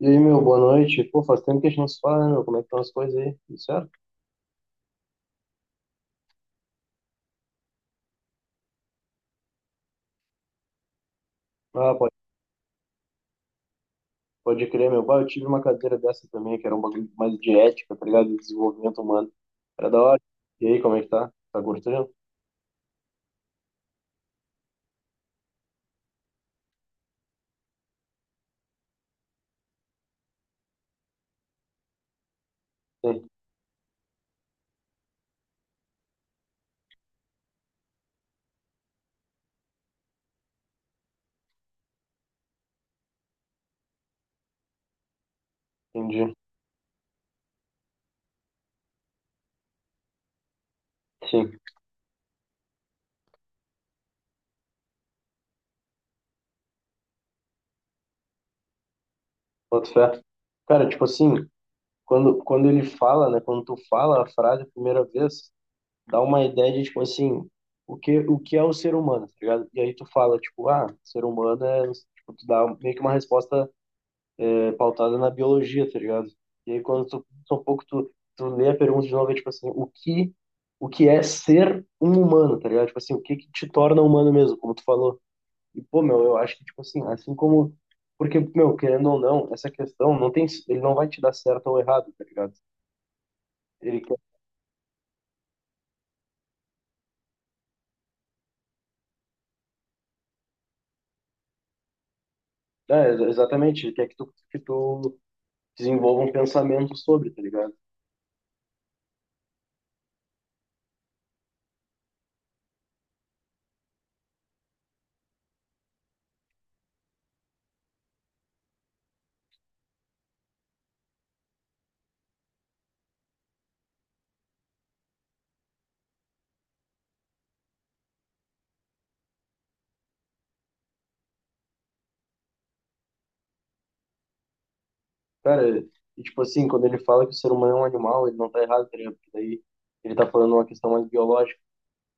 E aí, meu, boa noite. Pô, faz tempo que a gente não se fala, né, meu? Como é que estão as coisas aí? Tudo certo? Ah, pode crer, meu. Pai, eu tive uma cadeira dessa também, que era um bagulho mais de ética, tá ligado? De desenvolvimento humano. Era da hora. E aí, como é que tá? Tá gostando? Sim, entendi. Sim, boto fé. Cara, tipo assim, quando ele fala, né? Quando tu fala a frase a primeira vez, dá uma ideia de, tipo assim, o que é o ser humano, tá ligado? E aí tu fala, tipo, ah, ser humano é... Tipo, tu dá meio que uma resposta é, pautada na biologia, tá ligado? E aí quando tu um pouco tu lê a pergunta de novo, é tipo assim, o que é ser um humano, tá ligado? Tipo assim, o que que te torna humano mesmo, como tu falou. E pô, meu, eu acho que tipo assim, assim como porque, meu, querendo ou não, essa questão não tem, ele não vai te dar certo ou errado, tá ligado? Ele quer, é, exatamente, ele quer que tu desenvolva um pensamento sobre, tá ligado? Cara, e tipo assim, quando ele fala que o ser humano é um animal, ele não tá errado, tá ligado? Porque daí ele tá falando uma questão mais biológica.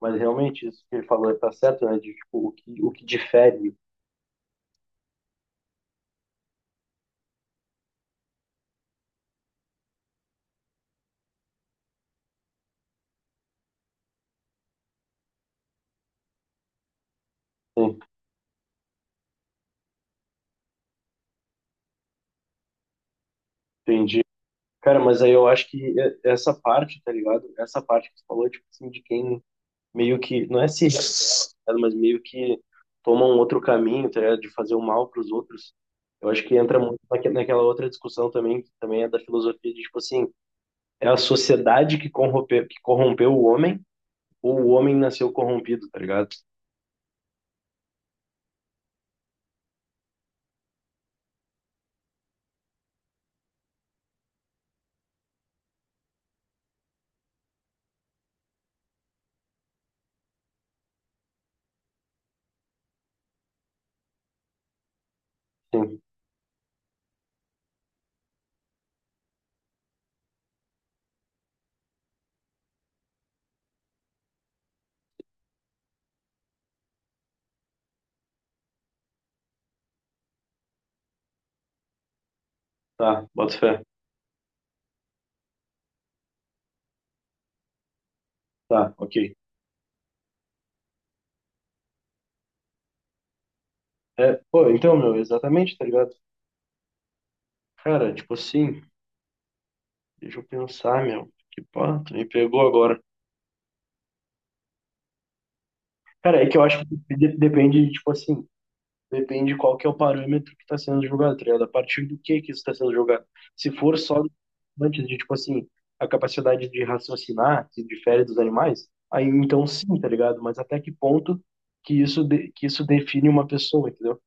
Mas realmente, isso que ele falou tá certo, né? De, tipo, o que difere. Né? Entendi. Cara, mas aí eu acho que essa parte, tá ligado? Essa parte que você falou, tipo assim, de quem meio que, não é se rebela, tá ligado? Mas meio que toma um outro caminho, tá ligado? De fazer o mal pros outros. Eu acho que entra muito naquela outra discussão também, que também é da filosofia, de tipo assim, é a sociedade que corrompeu o homem, ou o homem nasceu corrompido, tá ligado? Sim, tá, boto fé. Tá, ok. É, pô, então, meu, exatamente, tá ligado? Cara, tipo assim, deixa eu pensar, meu. Que pá, tu me pegou agora. Cara, é que eu acho que depende, tipo assim, depende qual que é o parâmetro que tá sendo julgado, tá ligado? A partir do que isso tá sendo julgado. Se for só antes de, tipo assim, a capacidade de raciocinar, que difere dos animais, aí então sim, tá ligado? Mas até que ponto que isso, que isso define uma pessoa, entendeu?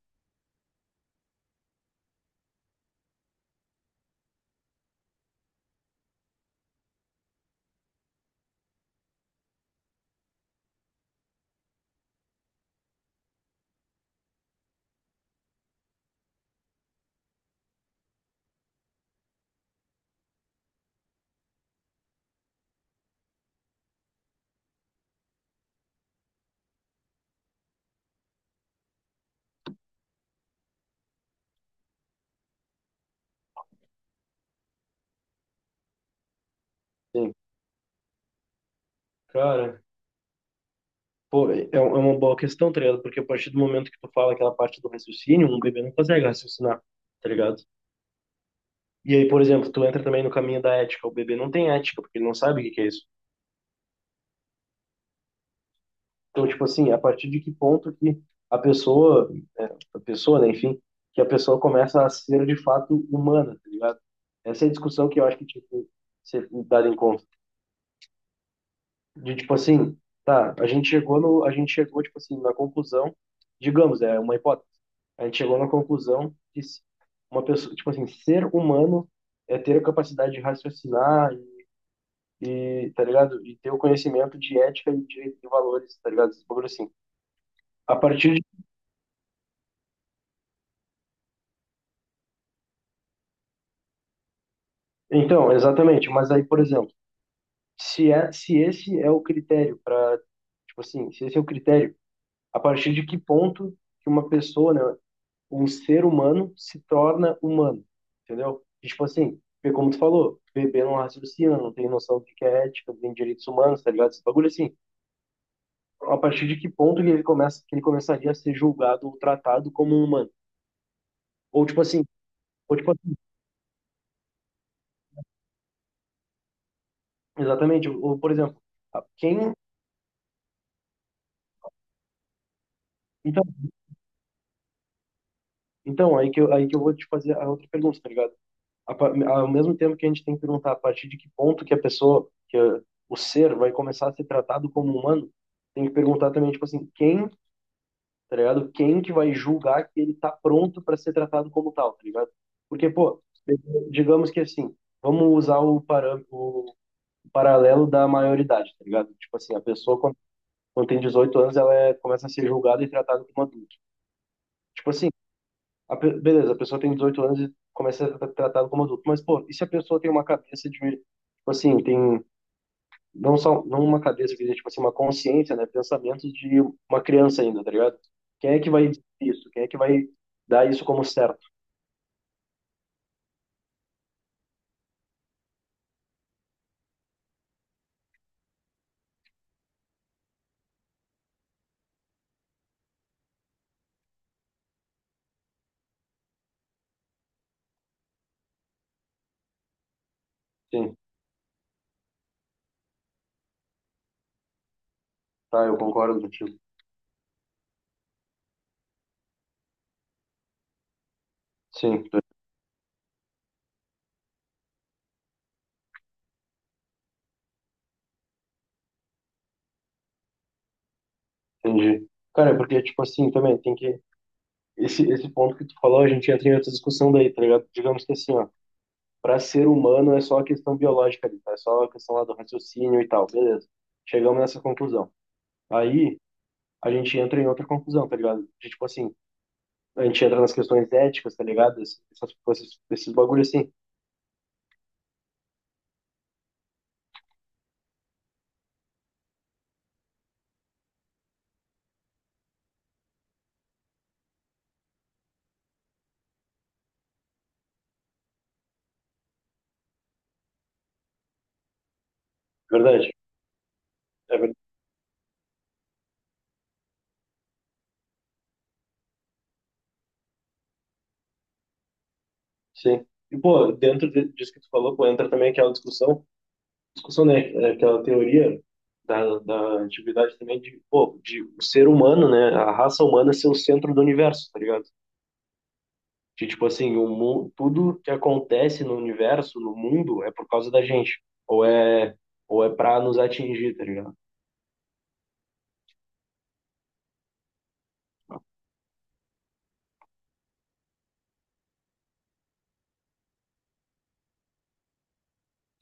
Sim. Cara. Pô, é um, é uma boa questão, tá ligado? Porque a partir do momento que tu fala aquela parte do raciocínio, um bebê não consegue raciocinar, tá ligado? E aí, por exemplo, tu entra também no caminho da ética. O bebê não tem ética, porque ele não sabe o que que é isso. Então, tipo assim, a partir de que ponto que a pessoa, a pessoa, né, enfim, que a pessoa começa a ser de fato humana, tá ligado? Essa é a discussão que eu acho que tinha que ser dada em conta. De tipo assim, tá, a gente chegou no, a gente chegou tipo assim na conclusão, digamos, é uma hipótese. A gente chegou na conclusão que uma pessoa, tipo assim, ser humano é ter a capacidade de raciocinar e, tá ligado? E ter o conhecimento de ética e de valores, tá ligado? Esse bagulho assim. A partir de, então, exatamente, mas aí, por exemplo, se esse é o critério para, tipo assim, se esse é o critério, a partir de que ponto que uma pessoa, né, um ser humano se torna humano, entendeu? E, tipo assim, porque como tu falou, bebê não raciocina, não tem noção do que é ética, não tem direitos humanos, tá ligado? Esse bagulho assim, a partir de que ponto que ele começa, que ele começaria a ser julgado ou tratado como um humano? Ou tipo assim, ou tipo assim, exatamente, ou por exemplo, a- quem então, então aí que eu vou te fazer a outra pergunta, tá ligado? Ao mesmo tempo que a gente tem que perguntar a partir de que ponto que a pessoa, que eh, o ser vai começar a ser tratado como humano, tem que perguntar também, tipo assim, quem tá ligado? Quem que vai julgar que ele tá pronto para ser tratado como tal, tá ligado? Porque, pô, digamos que assim, vamos usar o, param o paralelo da maioridade, tá ligado? Tipo assim, a pessoa quando tem 18 anos, ela é, começa a ser julgada e tratada como adulto. Tipo assim, beleza, a pessoa tem 18 anos e começa a ser tratada como adulto, mas, pô, e se a pessoa tem uma cabeça de, tipo assim, tem não só não uma cabeça que tipo assim, uma consciência, né, pensamentos de uma criança ainda, tá ligado? Quem é que vai dizer isso? Quem é que vai dar isso como certo? Sim, tá, eu concordo contigo. Sim, tô- entendi. Cara, é porque tipo assim, também tem que esse ponto que tu falou, a gente entra em outra discussão daí, tá ligado? Digamos que assim, ó, para ser humano é só a questão biológica ali, tá? É só a questão lá do raciocínio e tal, beleza. Chegamos nessa conclusão. Aí a gente entra em outra conclusão, tá ligado? De, tipo assim, a gente entra nas questões éticas, tá ligado? Esses bagulhos assim, verdade. É verdade, sim. E, pô, disso que tu falou, pô, entra também aquela discussão, né? É aquela teoria da, da antiguidade também de, pô, de o ser humano, né? A raça humana ser o centro do universo, tá ligado? De, tipo assim, tudo que acontece no universo, no mundo, é por causa da gente. Ou é pra nos atingir, tá ligado?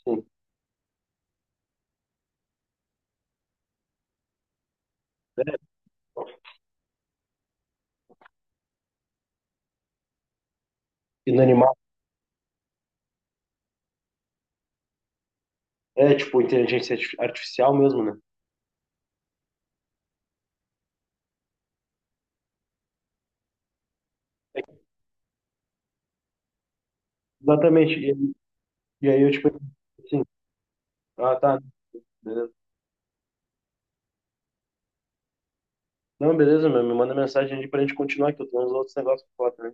Sim. É, inanimado. É, tipo, inteligência artificial mesmo, né? Exatamente. E aí eu, tipo, assim, ah, tá, beleza. Não, beleza, meu, me manda mensagem aí pra gente continuar, que eu tenho uns outros negócios pra falar também.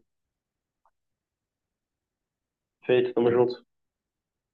Feito, tamo junto.